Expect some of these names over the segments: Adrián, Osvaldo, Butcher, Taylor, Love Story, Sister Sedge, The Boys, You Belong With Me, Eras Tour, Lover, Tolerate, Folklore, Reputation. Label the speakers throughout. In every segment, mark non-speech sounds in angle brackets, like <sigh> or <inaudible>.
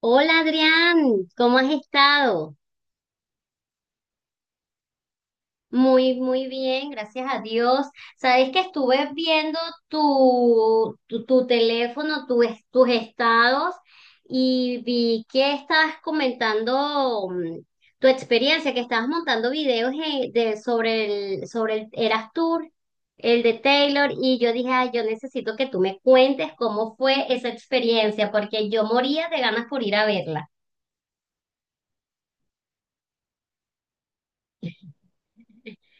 Speaker 1: Hola, Adrián, ¿cómo has estado? Muy, muy bien, gracias a Dios. Sabes que estuve viendo tu teléfono, tus estados y vi que estabas comentando tu experiencia, que estabas montando videos sobre sobre el Eras Tour, el de Taylor, y yo dije: "Ay, yo necesito que tú me cuentes cómo fue esa experiencia, porque yo moría de ganas por ir a verla". <laughs>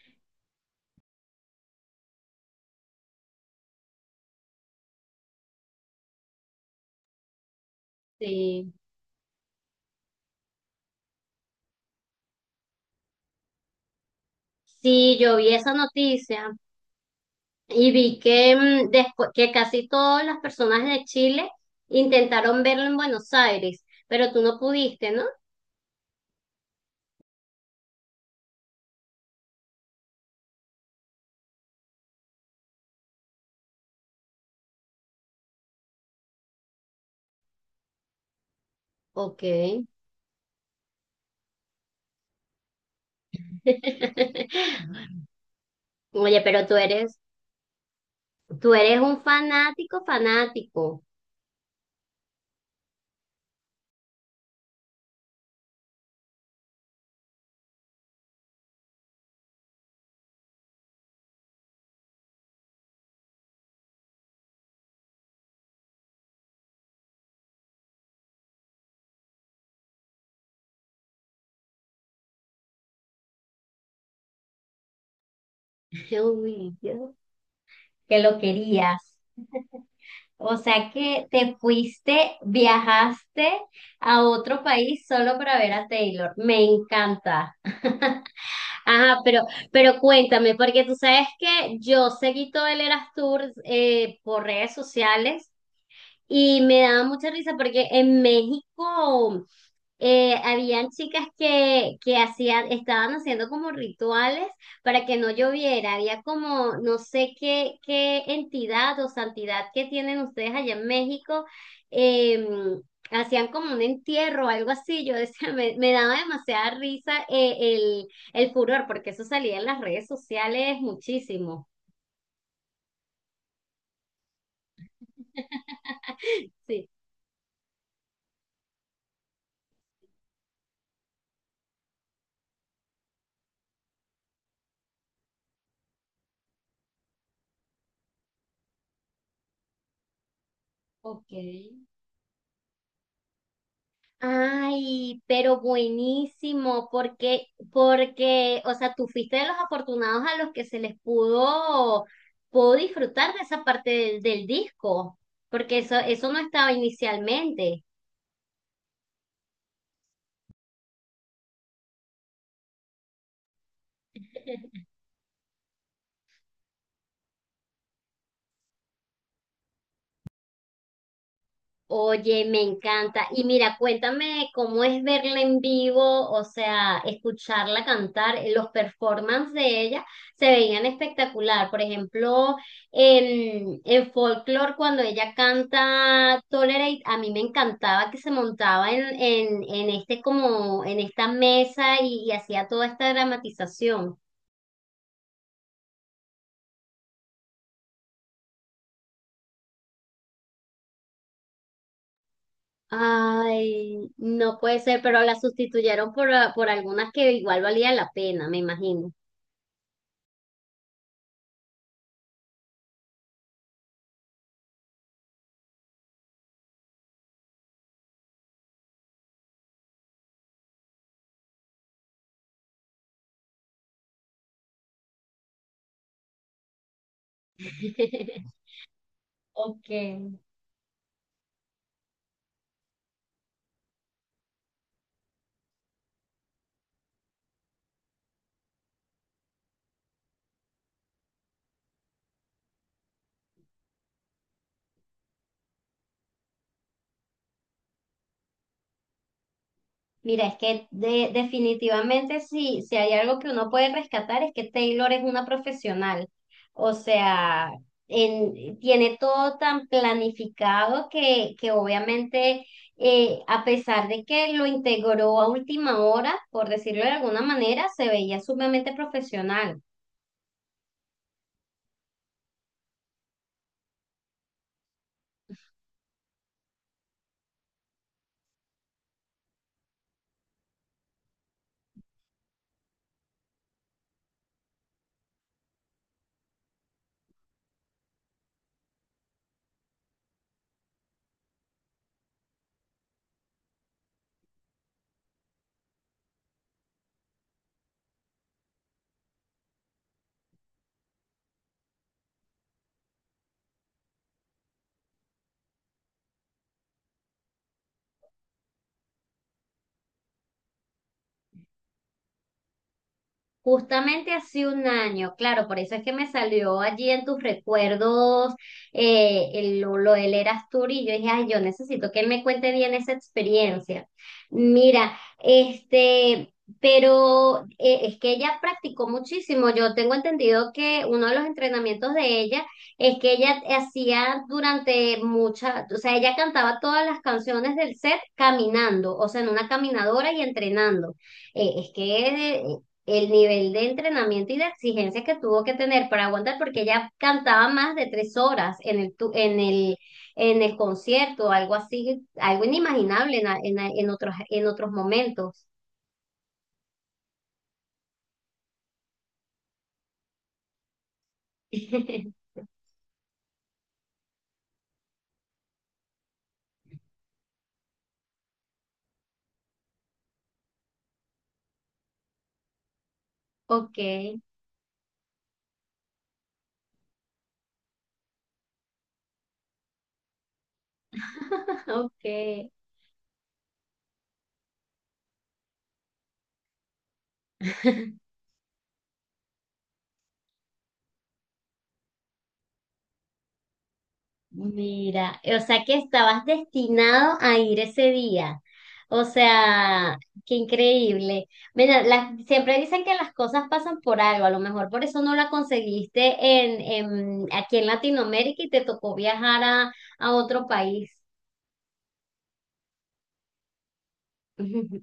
Speaker 1: Sí. Sí, yo vi esa noticia y vi que, que casi todas las personas de Chile intentaron verlo en Buenos Aires, pero tú no pudiste, ¿no? Ok. <laughs> Oye, pero tú eres un fanático, fanático. <laughs> Uy, yo que lo querías. O sea que te fuiste, viajaste a otro país solo para ver a Taylor. Me encanta. <laughs> Ajá, pero cuéntame, porque tú sabes que yo seguí todo el Eras Tour por redes sociales y me daba mucha risa porque en México habían chicas que estaban haciendo como rituales para que no lloviera. Había como, no sé qué, qué entidad o santidad que tienen ustedes allá en México. eh, Hacían como un entierro o algo así. Yo decía, <laughs> me daba demasiada risa el, el furor, porque eso salía en las redes sociales muchísimo. <laughs> Sí. Ok. Ay, pero buenísimo, o sea, tú fuiste de los afortunados a los que se pudo disfrutar de esa parte del disco, porque eso no estaba inicialmente. Oye, me encanta. Y mira, cuéntame cómo es verla en vivo, o sea, escucharla cantar. Eh, los performances de ella se veían espectacular. Por ejemplo, en Folklore, cuando ella canta Tolerate, a mí me encantaba que se montaba en este como, en esta mesa y hacía toda esta dramatización. Ay, no puede ser, pero la sustituyeron por algunas que igual valía la pena, me imagino. <laughs> Ok. Mira, es que definitivamente sí, si hay algo que uno puede rescatar es que Taylor es una profesional. O sea, tiene todo tan planificado que obviamente, a pesar de que lo integró a última hora, por decirlo de alguna manera, se veía sumamente profesional. Justamente hace un año, claro, por eso es que me salió allí en tus recuerdos lo del Eras Tour y yo dije, ay, yo necesito que él me cuente bien esa experiencia. Mira, este, pero es que ella practicó muchísimo. Yo tengo entendido que uno de los entrenamientos de ella es que ella hacía o sea, ella cantaba todas las canciones del set caminando, o sea, en una caminadora y entrenando. Es que el nivel de entrenamiento y de exigencia que tuvo que tener para aguantar, porque ella cantaba más de tres horas en el, tu- en el concierto, algo así, algo inimaginable en en otros momentos. <laughs> Ok. <laughs> Ok. Mira, o sea que estabas destinado a ir ese día. O sea, qué increíble. Mira, siempre dicen que las cosas pasan por algo, a lo mejor por eso no la conseguiste aquí en Latinoamérica y te tocó viajar a otro país. <laughs>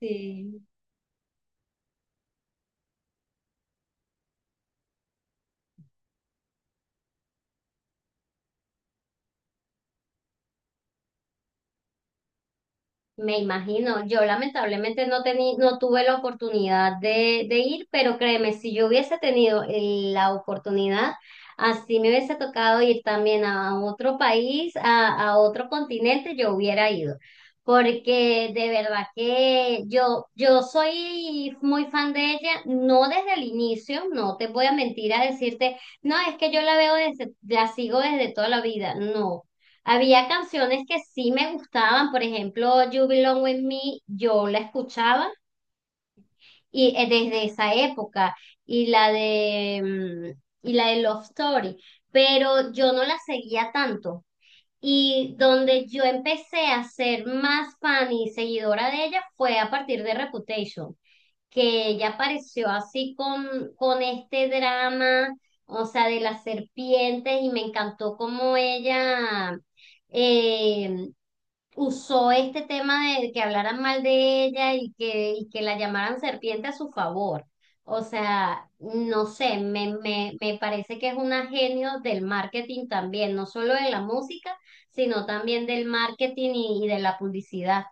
Speaker 1: Sí. Me imagino, yo lamentablemente no tuve la oportunidad de ir, pero créeme, si yo hubiese tenido la oportunidad, así me hubiese tocado ir también a otro país, a otro continente, yo hubiera ido. Porque de verdad que yo soy muy fan de ella, no desde el inicio, no te voy a mentir a decirte, no, es que yo la veo desde, la sigo desde toda la vida, no. Había canciones que sí me gustaban, por ejemplo, You Belong With Me, yo la escuchaba y desde esa época y la de Love Story, pero yo no la seguía tanto. Y donde yo empecé a ser más fan y seguidora de ella fue a partir de Reputation, que ella apareció así con este drama, o sea, de las serpientes, y me encantó cómo ella eh, usó este tema de que hablaran mal de ella y y que la llamaran serpiente a su favor. O sea, no sé, me parece que es un genio del marketing también, no solo de la música, sino también del marketing y de la publicidad.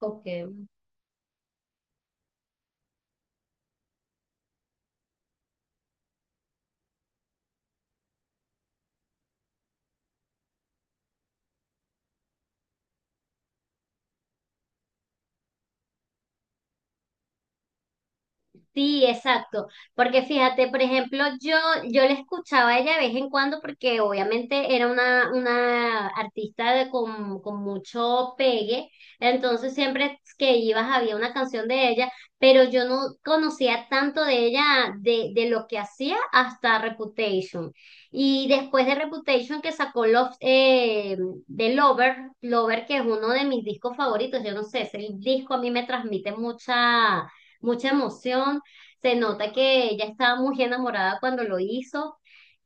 Speaker 1: Ok. Sí, exacto. Porque fíjate, por ejemplo, yo la escuchaba a ella de vez en cuando porque obviamente era una artista de, con mucho pegue. Entonces siempre que ibas había una canción de ella, pero yo no conocía tanto de ella, de lo que hacía hasta Reputation. Y después de Reputation que sacó Lover, Lover, que es uno de mis discos favoritos. Yo no sé, ese disco a mí me transmite mucha mucha emoción. Se nota que ella estaba muy enamorada cuando lo hizo.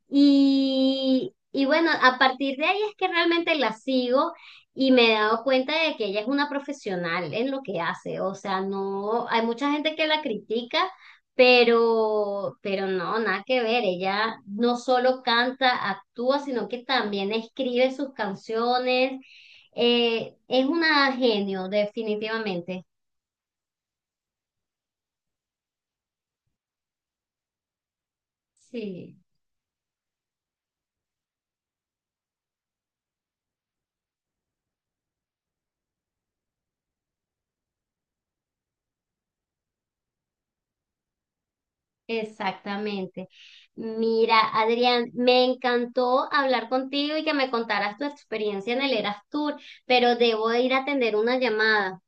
Speaker 1: Y bueno, a partir de ahí es que realmente la sigo y me he dado cuenta de que ella es una profesional en lo que hace. O sea, no, hay mucha gente que la critica, pero no, nada que ver. Ella no solo canta, actúa, sino que también escribe sus canciones. Es una genio, definitivamente. Sí. Exactamente. Mira, Adrián, me encantó hablar contigo y que me contaras tu experiencia en el Eras Tour, pero debo ir a atender una llamada.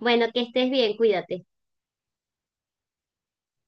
Speaker 1: Bueno, que estés bien, cuídate.